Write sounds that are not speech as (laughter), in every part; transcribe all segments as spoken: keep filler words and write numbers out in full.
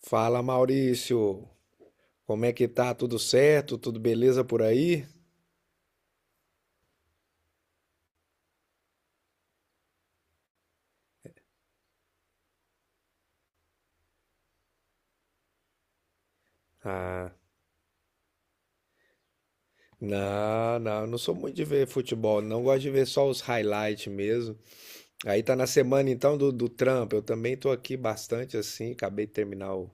Fala Maurício, como é que tá? Tudo certo? Tudo beleza por aí? Ah, não, não, eu não sou muito de ver futebol, não gosto de ver só os highlights mesmo. Aí tá na semana então do, do Trump, eu também tô aqui bastante assim, acabei de terminar o-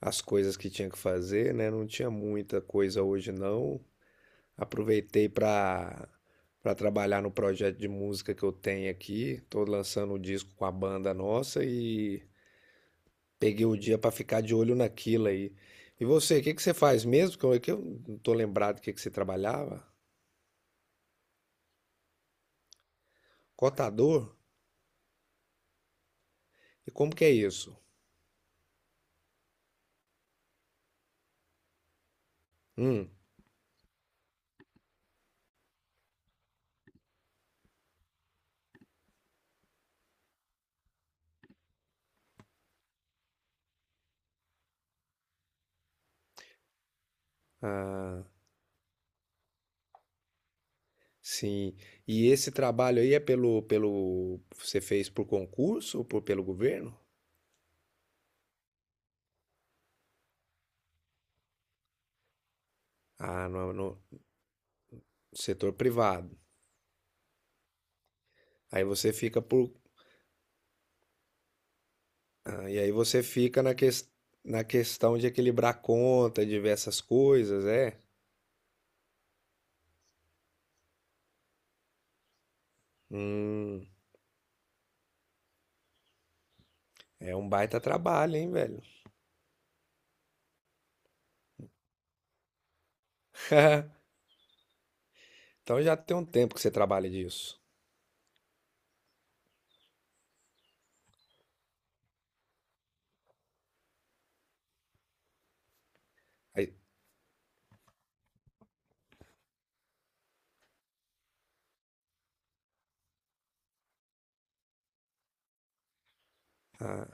as coisas que tinha que fazer, né? Não tinha muita coisa hoje não. Aproveitei pra para trabalhar no projeto de música que eu tenho aqui. Tô lançando um disco com a banda nossa e peguei o dia para ficar de olho naquilo aí. E você, o que que você faz mesmo? Que eu, que eu não tô lembrado o que que você trabalhava. Cotador? E como que é isso? Hum, ah, sim. E esse trabalho aí é pelo, pelo, você fez por concurso ou por, pelo governo? Ah, no, no setor privado. Aí você fica por, ah, e aí você fica na, ques, na questão de equilibrar conta, diversas coisas, é? Hum, é um baita trabalho, hein, velho? (laughs) Então já tem um tempo que você trabalha disso. Aí- ah,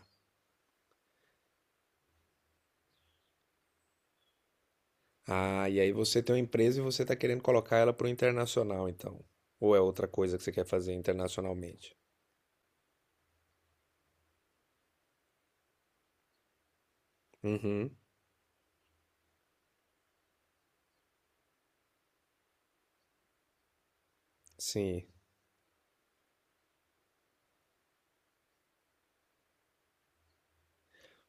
ah, e aí você tem uma empresa e você está querendo colocar ela para o internacional, então. Ou é outra coisa que você quer fazer internacionalmente? Uhum, sim.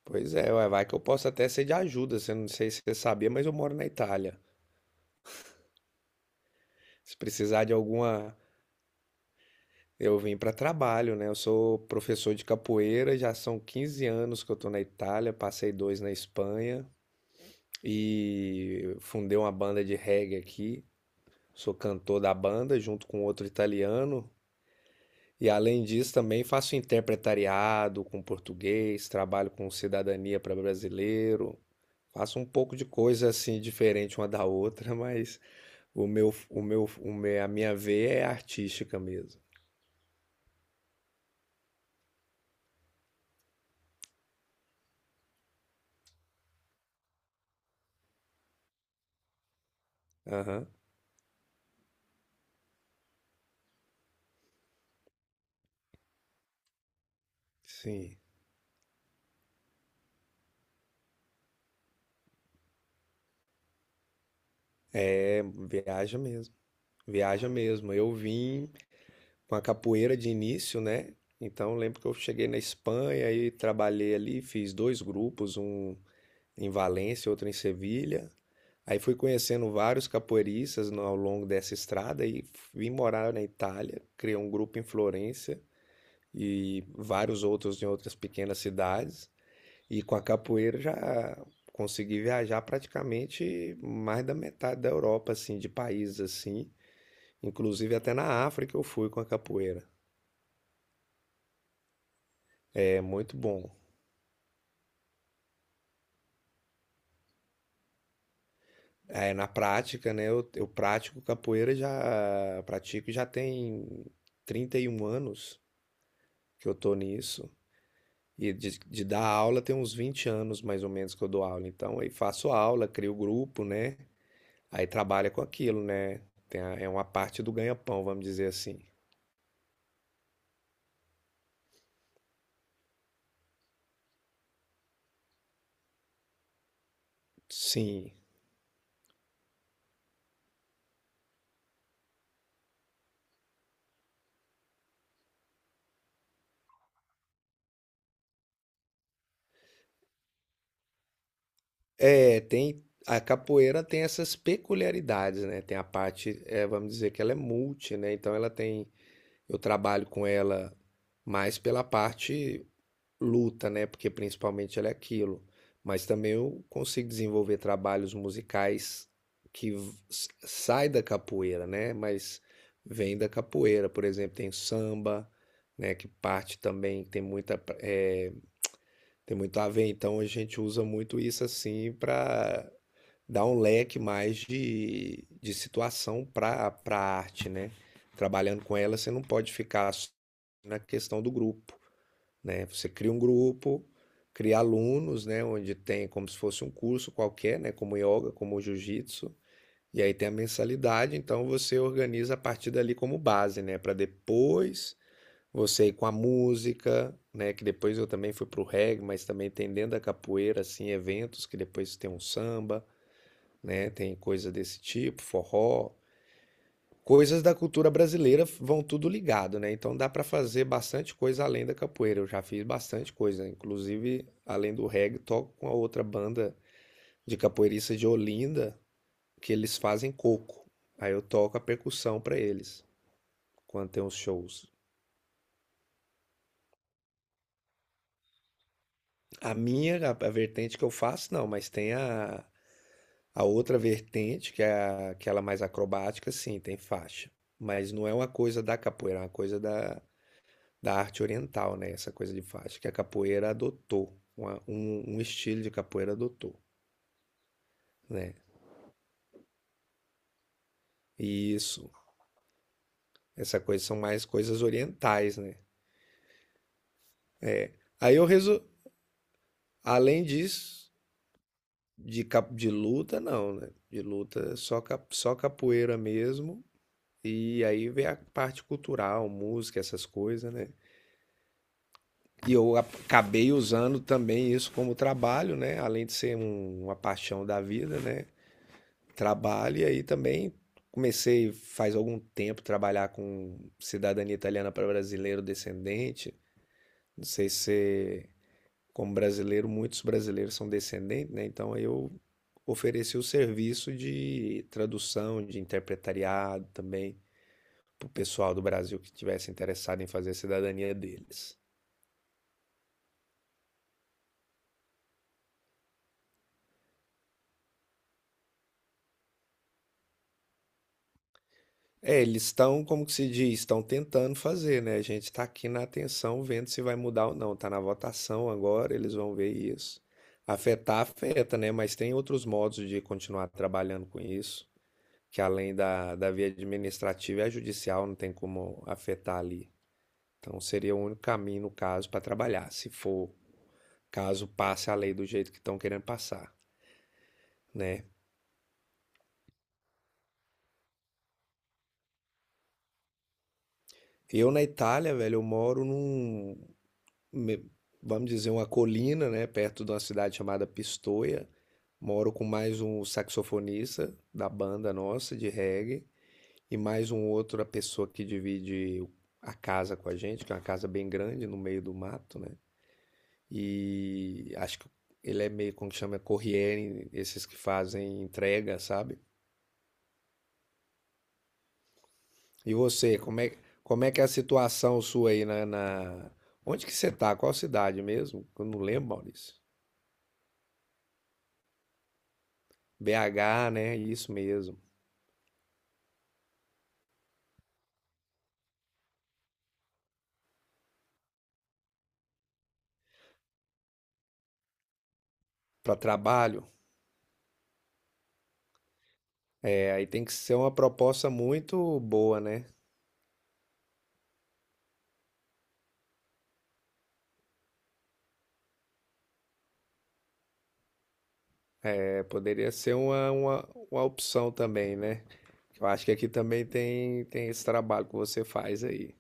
Pois é, ué, vai que eu posso até ser de ajuda. Você não sei se você sabia, mas eu moro na Itália. Se precisar de alguma. Eu vim para trabalho, né? Eu sou professor de capoeira, já são quinze anos que eu tô na Itália, passei dois na Espanha e fundei uma banda de reggae aqui. Sou cantor da banda junto com outro italiano. E além disso, também faço interpretariado com português, trabalho com cidadania para brasileiro, faço um pouco de coisa assim diferente uma da outra, (laughs) mas o meu, o meu, o me- a minha veia é artística mesmo. Aham, sim, é viaja mesmo, viaja mesmo. Eu vim com a capoeira de início, né? Então eu lembro que eu cheguei na Espanha e trabalhei ali, fiz dois grupos, um em Valência, outra em Sevilha. Aí fui conhecendo vários capoeiristas ao longo dessa estrada e vim morar na Itália, criei um grupo em Florença e vários outros em outras pequenas cidades. E com a capoeira já consegui viajar praticamente mais da metade da Europa, assim, de países assim. Inclusive até na África eu fui com a capoeira. É muito bom. É, na prática, né, eu, eu pratico capoeira já pratico já tem trinta e um anos. Que eu tô nisso. E de, de dar aula tem uns vinte anos mais ou menos que eu dou aula. Então, aí faço aula, crio grupo, né? Aí trabalha com aquilo, né? Tem a- é uma parte do ganha-pão, vamos dizer assim. Sim. É, tem. A capoeira tem essas peculiaridades, né? Tem a parte, é, vamos dizer que ela é multi, né? Então ela tem. Eu trabalho com ela mais pela parte luta, né? Porque principalmente ela é aquilo. Mas também eu consigo desenvolver trabalhos musicais que v- s- sai da capoeira, né? Mas vem da capoeira. Por exemplo, tem samba, né? Que parte também tem muita pra- eh, tem muito a ver. Então a gente usa muito isso assim para dar um leque mais de, de situação para para arte, né? Trabalhando com ela, você não pode ficar só na questão do grupo né? Você cria um grupo, cria alunos, né? Onde tem como se fosse um curso qualquer, né? Como yoga, como jiu-jitsu. E aí tem a mensalidade, então você organiza a partir dali como base, né? Para depois você ir com a música, né? Que depois eu também fui pro reggae, mas também tem dentro da capoeira, assim, eventos que depois tem um samba, né? Tem coisa desse tipo, forró, coisas da cultura brasileira vão tudo ligado, né? Então dá para fazer bastante coisa além da capoeira. Eu já fiz bastante coisa, inclusive além do reggae, toco com a outra banda de capoeiristas de Olinda, que eles fazem coco. Aí eu toco a percussão para eles quando tem os shows. A minha, a, a vertente que eu faço, não, mas tem a, a outra vertente, que é a- aquela mais acrobática, sim, tem faixa. Mas não é uma coisa da capoeira, é uma coisa da, da arte oriental, né? Essa coisa de faixa que a capoeira adotou, uma- um, um estilo de capoeira adotou, né? E isso, essa coisa são mais coisas orientais, né? Aí eu resolvi, além disso, de, cap- de luta não, né? De luta só, cap- só capoeira mesmo. E aí vem a parte cultural, música, essas coisas, né? E eu acabei usando também isso como trabalho, né? Além de ser um- uma paixão da vida, né? Trabalho e aí também comecei faz algum tempo trabalhar com cidadania italiana para brasileiro descendente. Não sei se como brasileiro, muitos brasileiros são descendentes, né? Então eu ofereci o serviço de tradução, de interpretariado também para o pessoal do Brasil que estivesse interessado em fazer a cidadania deles. É, eles estão, como que se diz, estão tentando fazer, né? A gente está aqui na atenção vendo se vai mudar ou não. Está na votação agora, eles vão ver isso. Afetar, afeta, né? Mas tem outros modos de continuar trabalhando com isso, que além da, da via administrativa é a judicial, não tem como afetar ali. Então seria o único caminho, no caso, para trabalhar, se for caso passe a lei do jeito que estão querendo passar, né? Eu na Itália, velho, eu moro num, me- vamos dizer, uma colina, né, perto de uma cidade chamada Pistoia. Moro com mais um saxofonista da banda nossa de reggae e mais um outro a pessoa que divide o- a casa com a gente, que é uma casa bem grande no meio do mato, né? E acho que ele é meio como que chama corriere, esses que fazem entrega, sabe? E você, como é, como é que é a situação sua aí na, na... Onde que você tá? Qual cidade mesmo? Eu não lembro, Maurício. B agá, né? Isso mesmo. Para trabalho, é, aí tem que ser uma proposta muito boa, né? É, poderia ser uma, uma, uma opção também, né? Eu acho que aqui também tem, tem esse trabalho que você faz aí.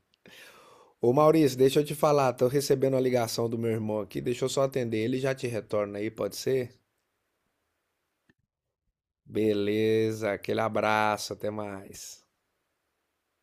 Ô Maurício, deixa eu te falar, tô recebendo a ligação do meu irmão aqui, deixa eu só atender ele e já te retorna aí, pode ser? Beleza, aquele abraço, até mais.